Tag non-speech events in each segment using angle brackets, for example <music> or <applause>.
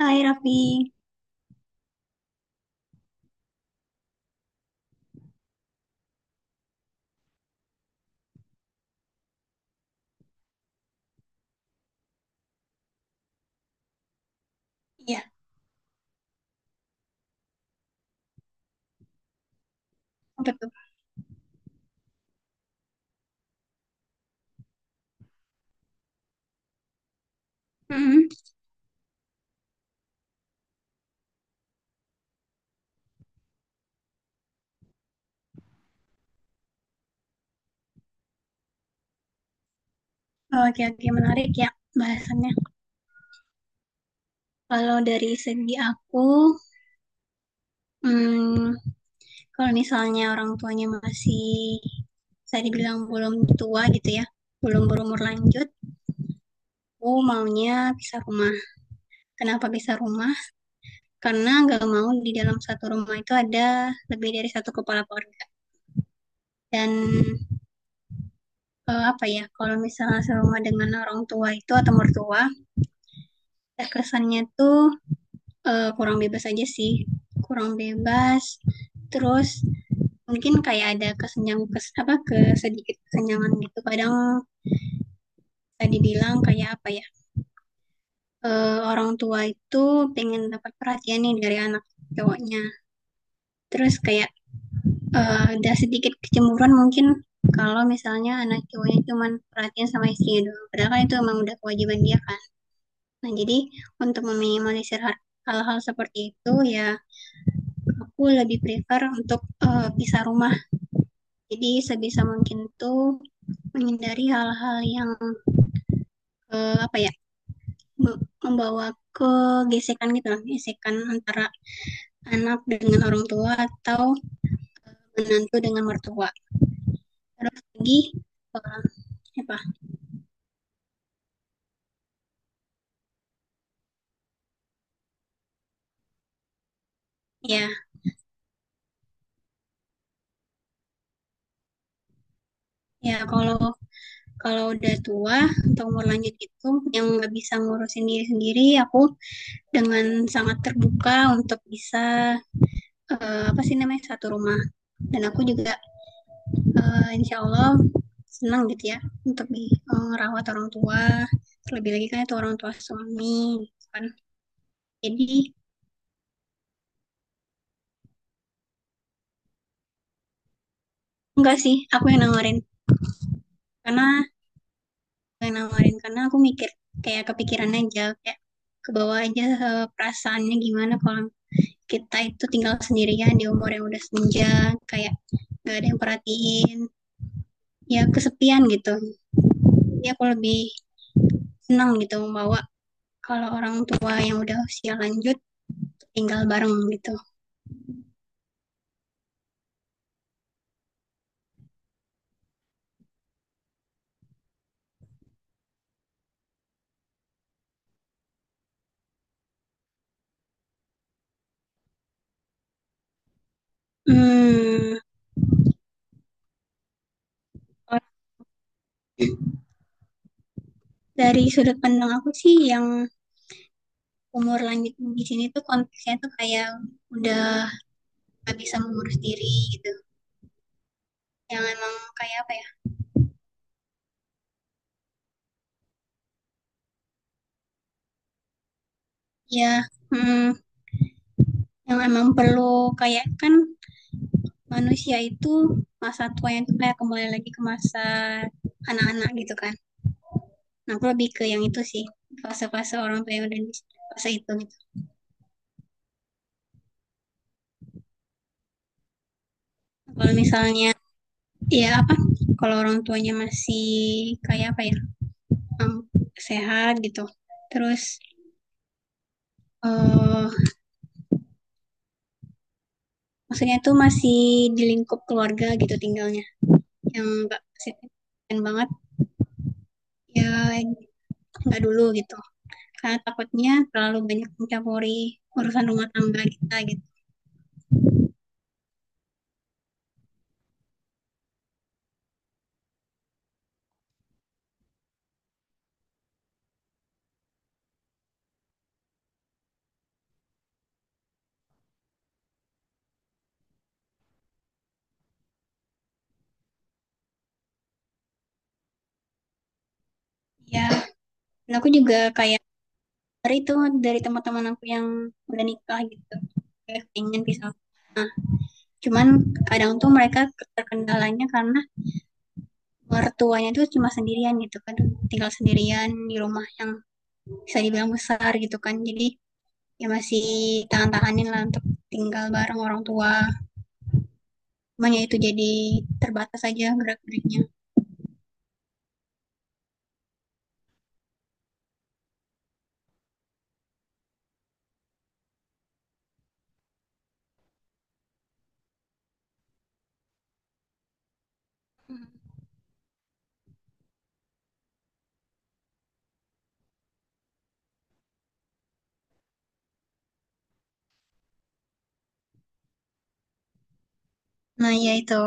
Hai Raffi, iya apa tuh? Mm-mm. Oke, oke, menarik ya bahasannya. Kalau dari segi aku, mm, kalau misalnya orang tuanya masih, saya dibilang belum tua gitu ya, belum berumur lanjut, aku maunya pisah rumah. Kenapa pisah rumah? Karena nggak mau di dalam satu rumah itu ada lebih dari satu kepala keluarga. Dan apa ya, kalau misalnya serumah dengan orang tua itu atau mertua, terkesannya tuh kurang bebas aja sih, kurang bebas, terus mungkin kayak ada kesenjang kes, apa kesedikit kesenjangan gitu, kadang tadi bilang kayak apa ya, orang tua itu pengen dapat perhatian nih dari anak cowoknya, terus kayak ada sedikit kecemburuan mungkin kalau misalnya anak cowoknya cuma perhatian sama istrinya doang, padahal kan itu emang udah kewajiban dia kan. Nah, jadi untuk meminimalisir hal seperti itu ya, aku lebih prefer untuk pisah rumah. Jadi sebisa mungkin tuh menghindari hal-hal yang eh, apa ya membawa ke gesekan gitu lah, gesekan antara anak dengan orang tua atau menantu dengan mertua. Terus lagi eh, apa ya ya, kalau kalau udah tua atau umur lanjut gitu yang nggak bisa ngurusin diri sendiri, aku dengan sangat terbuka untuk bisa apa sih namanya, satu rumah. Dan aku juga insya Allah senang gitu ya untuk merawat orang tua, terlebih lagi kan itu orang tua suami, gitu kan. Jadi enggak sih, aku yang nawarin, karena karena aku mikir kayak kepikiran aja, kayak ke bawah aja, perasaannya gimana kalau kita itu tinggal sendirian di umur yang udah senja, kayak gak ada yang perhatiin, ya kesepian gitu. Ya aku lebih senang gitu membawa kalau orang tua yang udah usia lanjut tinggal bareng gitu. Hmm, kalau dari sudut pandang aku sih, yang umur lanjut di sini tuh konteksnya tuh kayak udah nggak bisa mengurus diri gitu. Yang emang kayak apa ya? Ya, hmm, yang emang perlu kayak, kan manusia itu masa tuanya tuh kayak kembali lagi ke masa anak-anak gitu kan. Nah, aku lebih ke yang itu sih. Fase-fase orang tua yang udah di fase itu gitu. Kalau misalnya ya apa? Kalau orang tuanya masih kayak apa ya? em, Sehat gitu. Terus eh maksudnya itu masih di lingkup keluarga gitu tinggalnya. Yang nggak signifikan banget ya, nggak dulu gitu. Karena takutnya terlalu banyak mencampuri urusan rumah tangga kita gitu. Ya, dan aku juga kayak dari itu, dari teman-teman aku yang udah nikah gitu. Kayak pengen pisah. Cuman kadang tuh mereka terkendalanya karena mertuanya tuh cuma sendirian gitu kan, tinggal sendirian di rumah yang bisa dibilang besar gitu kan, jadi ya masih tahan-tahanin lah untuk tinggal bareng orang tua, makanya itu jadi terbatas aja gerak-geriknya. Nah ya itu.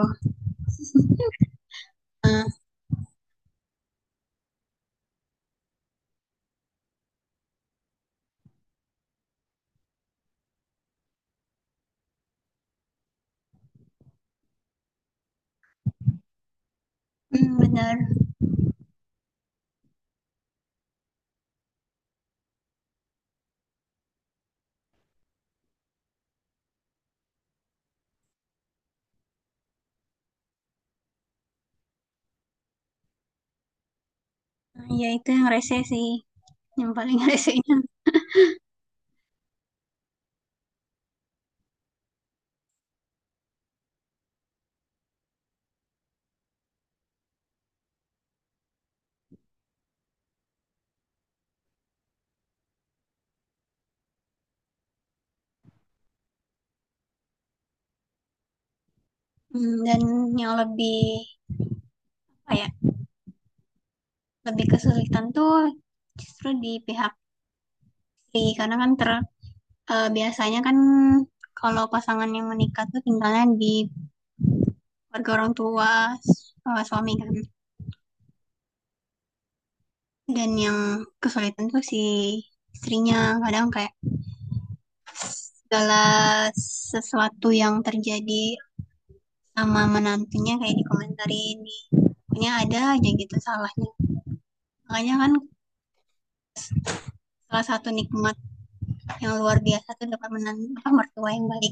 Nah, hmm, benar. Nah, ya itu yang rese sih, yang paling <laughs> resenya. Hmm, dan yang lebih apa ya, lebih kesulitan tuh justru di pihak istri, karena kan biasanya kan kalau pasangan yang menikah tuh tinggalnya di keluarga orang tua, suami kan. Dan yang kesulitan tuh si istrinya, kadang kayak segala sesuatu yang terjadi sama menantunya kayak dikomentarin, di pokoknya ada aja gitu salahnya. Makanya kan salah satu nikmat yang luar biasa tuh dapat menantu apa mertua yang baik,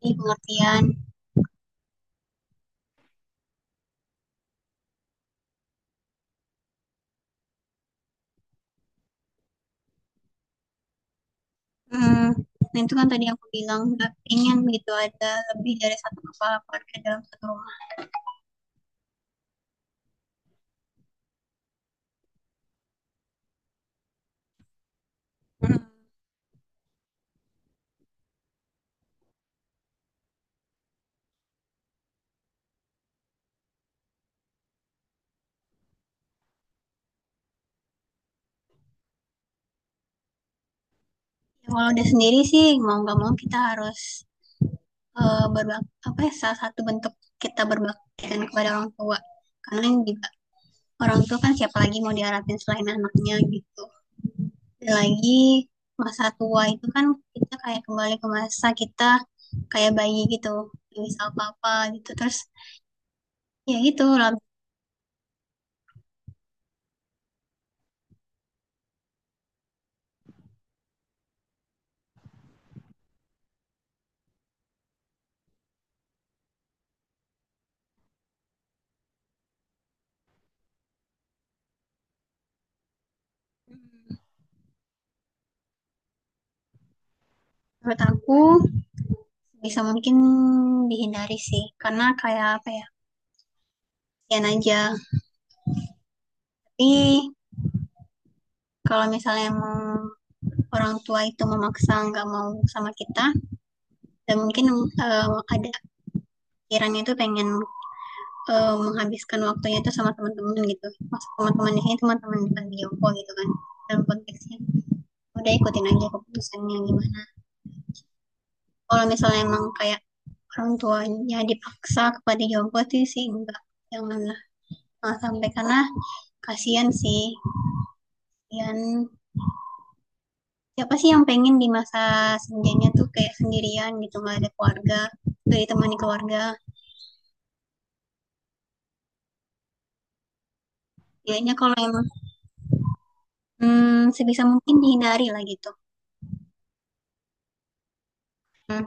di pengertian. Hmm, nah itu kan tadi aku bilang nggak pengen gitu ada lebih dari satu kepala keluarga dalam satu rumah. Hmm. Ya, kalau udah sendiri sih mau nggak mau kita harus eh, berbak apa ya, salah satu bentuk kita berbakti kan kepada orang tua, karena juga orang tua kan siapa lagi mau diharapin selain anaknya gitu. Dan lagi masa tua itu kan kita kayak kembali ke masa kita kayak bayi gitu, nggak bisa apa-apa gitu terus. Ya gitu. Menurut aku bisa mungkin dihindari sih, karena kayak apa ya, kasihan aja. Tapi kalau misalnya mau orang tua itu memaksa nggak mau sama kita, dan mungkin ada pikirannya itu pengen menghabiskan waktunya itu sama teman-teman gitu, maksud teman temannya di teman-teman di Bioko gitu kan, dalam konteksnya, udah ikutin aja keputusannya gimana. Kalau misalnya emang kayak orang tuanya dipaksa kepada Jompo, itu sih enggak, janganlah. Nah, sampai karena kasihan sih, kasihan, siapa sih yang pengen di masa senjanya tuh kayak sendirian gitu, nggak ada keluarga, nggak ditemani keluarga. Kayaknya kalau emang hmm, sebisa mungkin dihindari lah gitu. Hmm.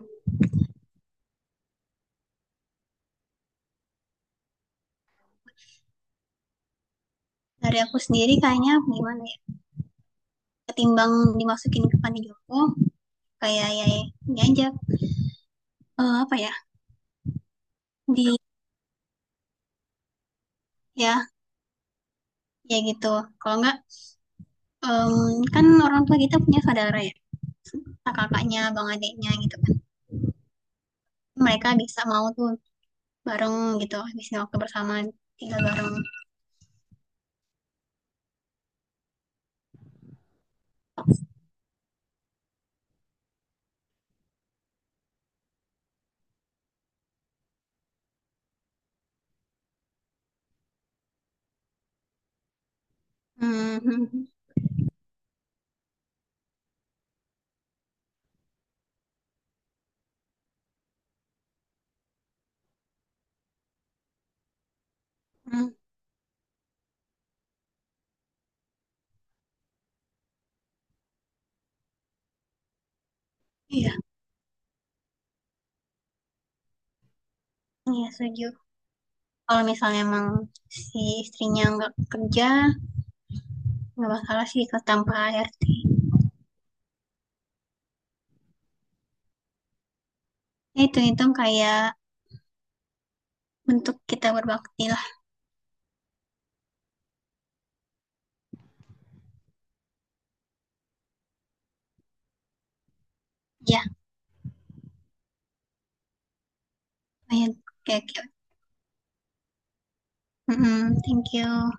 Dari aku sendiri kayaknya gimana ya, ketimbang dimasukin ke panti jompo, kayak ya ya, ini aja eh, apa ya di ya ya gitu. Kalau enggak em, kan orang tua kita punya saudara ya, kakaknya, bang adiknya gitu kan. Mereka bisa mau tuh bareng gitu, habisin waktu bersama, tinggal bareng. Hmm, hmm, hmm, hmm. Iya, iya setuju. Kalau misalnya emang si istrinya nggak kerja, nggak masalah sih kalau tanpa HRT. Ya, hitung-hitung kayak bentuk kita berbakti lah. Ya, lumayan. Oke, oke. Mm-mm, thank you.